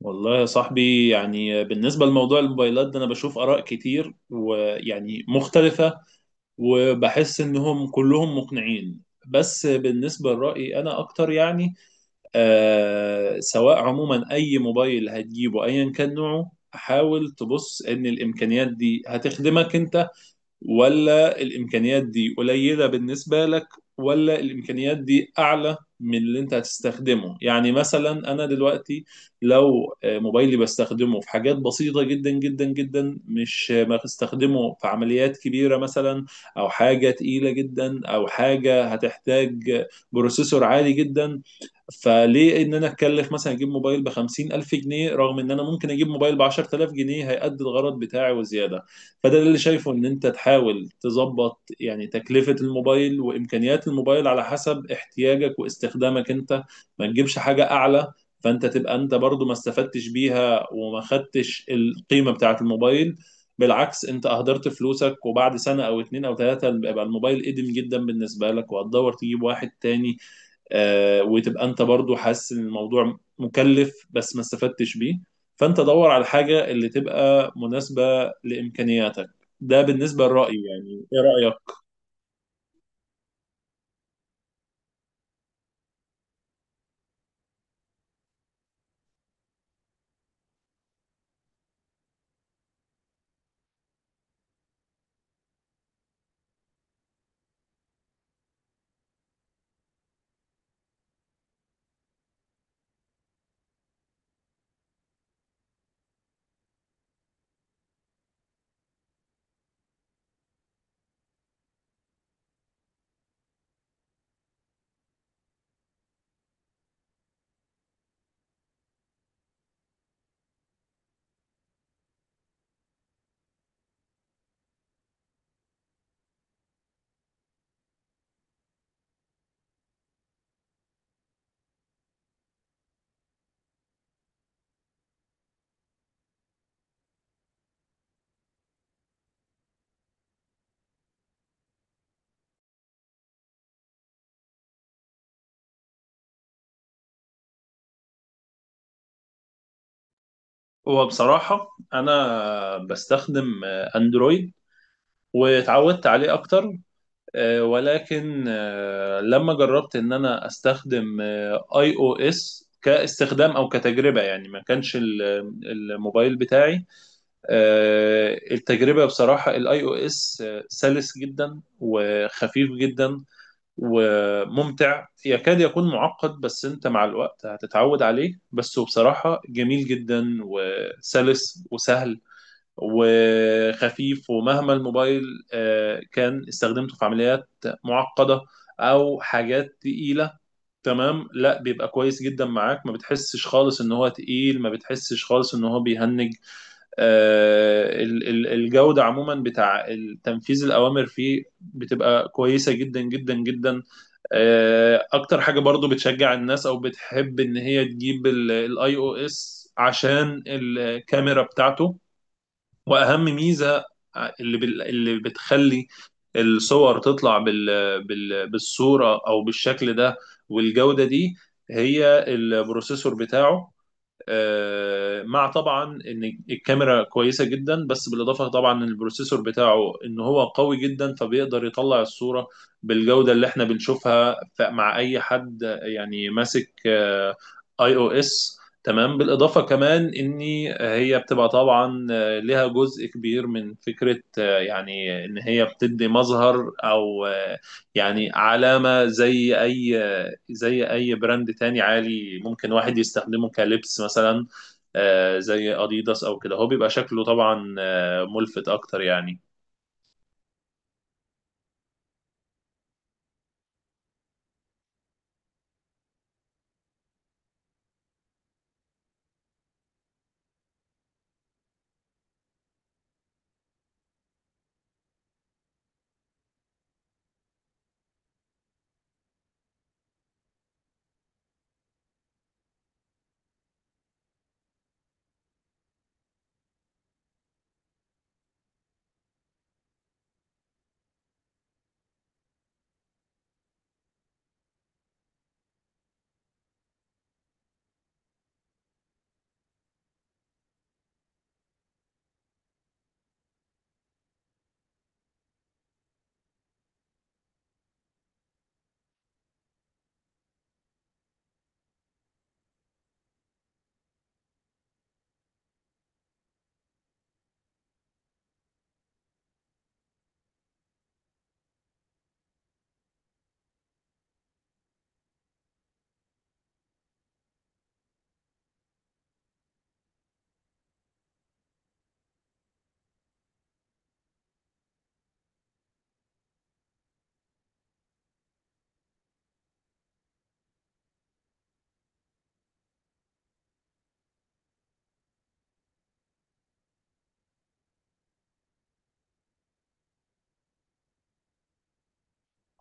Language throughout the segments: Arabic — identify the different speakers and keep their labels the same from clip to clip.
Speaker 1: والله يا صاحبي يعني بالنسبة لموضوع الموبايلات ده أنا بشوف آراء كتير ويعني مختلفة، وبحس إنهم كلهم مقنعين. بس بالنسبة لرأيي أنا أكتر، يعني سواء عموما أي موبايل هتجيبه أيا كان نوعه، حاول تبص إن الإمكانيات دي هتخدمك أنت، ولا الامكانيات دي قليله بالنسبه لك، ولا الامكانيات دي اعلى من اللي انت هتستخدمه. يعني مثلا انا دلوقتي لو موبايلي بستخدمه في حاجات بسيطه جدا جدا جدا، مش ما بستخدمه في عمليات كبيره مثلا، او حاجه تقيله جدا، او حاجه هتحتاج بروسيسور عالي جدا. فليه ان انا اتكلف مثلا اجيب موبايل ب 50,000 جنيه، رغم ان انا ممكن اجيب موبايل ب 10,000 جنيه هيأدي الغرض بتاعي وزياده؟ فده اللي شايفه، ان انت تحاول تظبط يعني تكلفة الموبايل وامكانيات الموبايل على حسب احتياجك واستخدامك انت. ما تجيبش حاجة اعلى، فانت تبقى انت برضو ما استفدتش بيها وما خدتش القيمة بتاعة الموبايل. بالعكس، انت اهدرت فلوسك، وبعد سنة او اتنين او تلاتة بيبقى الموبايل قديم جدا بالنسبة لك وهتدور تجيب واحد تاني. وتبقى انت برضو حاسس ان الموضوع مكلف بس ما استفدتش بيه. فانت دور على الحاجة اللي تبقى مناسبة لامكانياتك. ده بالنسبة لرأيي، يعني ايه رأيك؟ هو بصراحة انا بستخدم اندرويد واتعودت عليه اكتر. ولكن لما جربت ان انا استخدم اي او اس كاستخدام او كتجربة، يعني ما كانش الموبايل بتاعي. التجربة بصراحة الاي او اس سلس جدا وخفيف جدا وممتع، يكاد يكون معقد، بس انت مع الوقت هتتعود عليه. بس هو بصراحة جميل جدا وسلس وسهل وخفيف. ومهما الموبايل كان استخدمته في عمليات معقدة او حاجات تقيلة، تمام، لا بيبقى كويس جدا معاك، ما بتحسش خالص ان هو تقيل، ما بتحسش خالص ان هو بيهنج. الجودة عموما بتاع تنفيذ الأوامر فيه بتبقى كويسة جدا جدا جدا. أكتر حاجة برضو بتشجع الناس أو بتحب إن هي تجيب الاي او اس عشان الكاميرا بتاعته. وأهم ميزة اللي بتخلي الصور تطلع بالصورة أو بالشكل ده والجودة دي، هي البروسيسور بتاعه. مع طبعا ان الكاميرا كويسه جدا، بس بالاضافه طبعا ان البروسيسور بتاعه ان هو قوي جدا، فبيقدر يطلع الصوره بالجوده اللي احنا بنشوفها مع اي حد يعني ماسك اي او اس، تمام. بالاضافه كمان ان هي بتبقى طبعا ليها جزء كبير من فكره يعني ان هي بتدي مظهر او يعني علامه، زي اي براند تاني عالي ممكن واحد يستخدمه كلبس مثلا، زي اديداس او كده، هو بيبقى شكله طبعا ملفت اكتر يعني.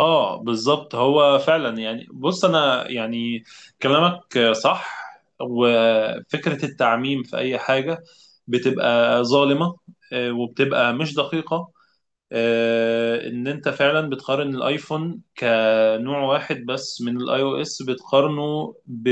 Speaker 1: اه بالظبط، هو فعلا يعني بص انا يعني كلامك صح، وفكرة التعميم في اي حاجة بتبقى ظالمة وبتبقى مش دقيقة. ان انت فعلا بتقارن الايفون كنوع واحد بس من الاي او اس، بتقارنه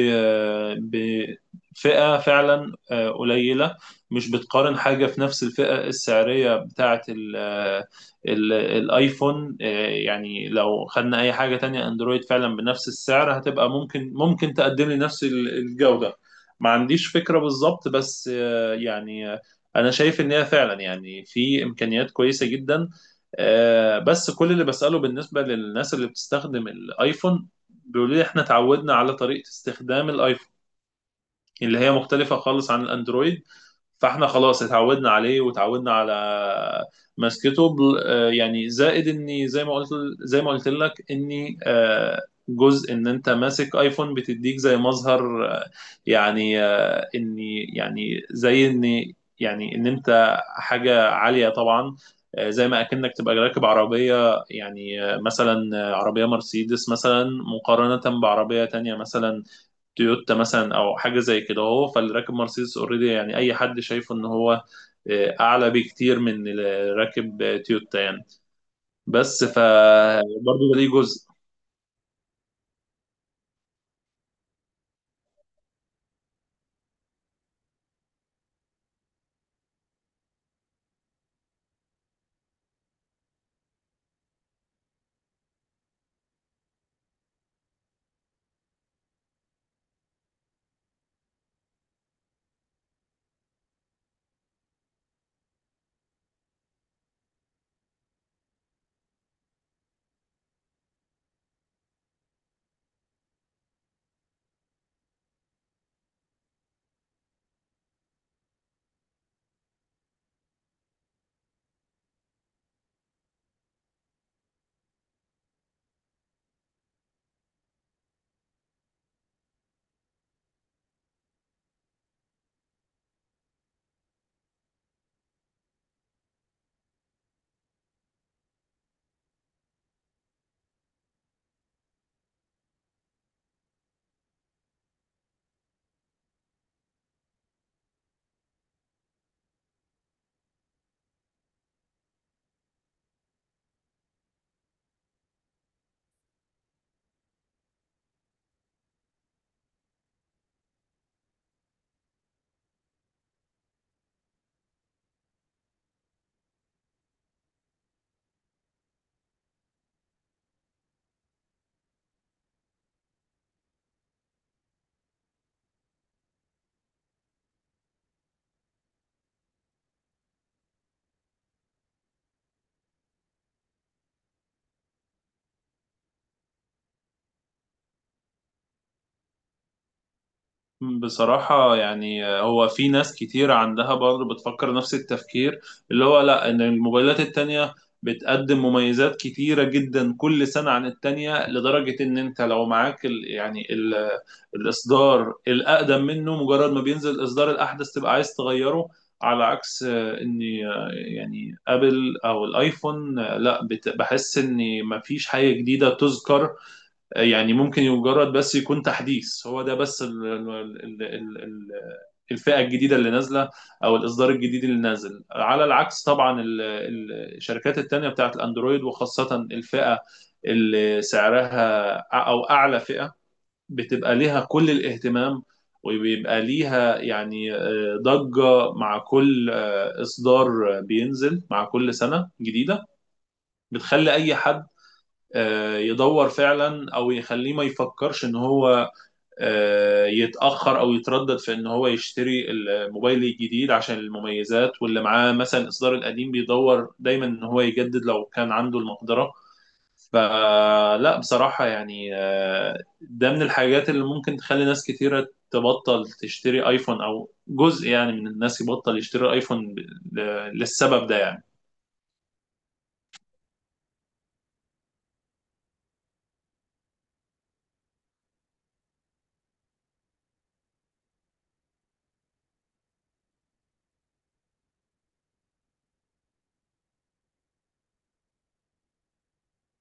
Speaker 1: بفئة فعلا قليلة. مش بتقارن حاجة في نفس الفئة السعرية بتاعة الايفون. يعني لو خدنا اي حاجة تانية اندرويد فعلا بنفس السعر، هتبقى ممكن تقدم لي نفس الجودة، ما عنديش فكرة بالظبط. بس انا شايف ان هي فعلا يعني في امكانيات كويسه جدا. بس كل اللي بسأله بالنسبة للناس اللي بتستخدم الايفون بيقولوا لي احنا اتعودنا على طريقة استخدام الايفون اللي هي مختلفة خالص عن الأندرويد، فاحنا خلاص اتعودنا عليه. وتعودنا على ماسكته يعني، زائد اني زي ما قلت زي ما قلت لك اني آه، جزء ان انت ماسك ايفون بتديك زي مظهر آه، يعني آه، اني يعني زي اني يعني ان انت حاجة عالية طبعا. زي ما اكنك تبقى راكب عربية، يعني مثلا عربية مرسيدس مثلا، مقارنة بعربية تانية مثلا تويوتا مثلا او حاجه زي كده. هو فاللي راكب مرسيدس اوريدي يعني اي حد شايفه ان هو اعلى بكتير من اللي راكب تويوتا يعني. بس برضه ده ليه جزء. بصراحة يعني هو في ناس كتير عندها برضه بتفكر نفس التفكير، اللي هو لا، ان الموبايلات التانية بتقدم مميزات كتيرة جدا كل سنة عن التانية، لدرجة ان انت لو معاك ال يعني ال الاصدار الاقدم منه، مجرد ما بينزل الاصدار الاحدث تبقى عايز تغيره. على عكس آه، ان آه، يعني ابل او الايفون لا، بحس ان مفيش حاجة جديدة تذكر. يعني ممكن مجرد بس يكون تحديث، هو ده بس ال ال ال ال ال الفئة الجديدة اللي نازلة أو الإصدار الجديد اللي نازل. على العكس طبعا الشركات التانية بتاعت الأندرويد، وخاصة الفئة اللي سعرها أو أعلى فئة، بتبقى ليها كل الاهتمام، وبيبقى ليها يعني ضجة مع كل إصدار بينزل مع كل سنة جديدة، بتخلي أي حد يدور فعلا او يخليه ما يفكرش ان هو يتاخر او يتردد في ان هو يشتري الموبايل الجديد عشان المميزات. واللي معاه مثلا الاصدار القديم بيدور دايما ان هو يجدد لو كان عنده المقدره. فلا بصراحه يعني ده من الحاجات اللي ممكن تخلي ناس كثيره تبطل تشتري ايفون، او جزء يعني من الناس يبطل يشتري ايفون للسبب ده يعني.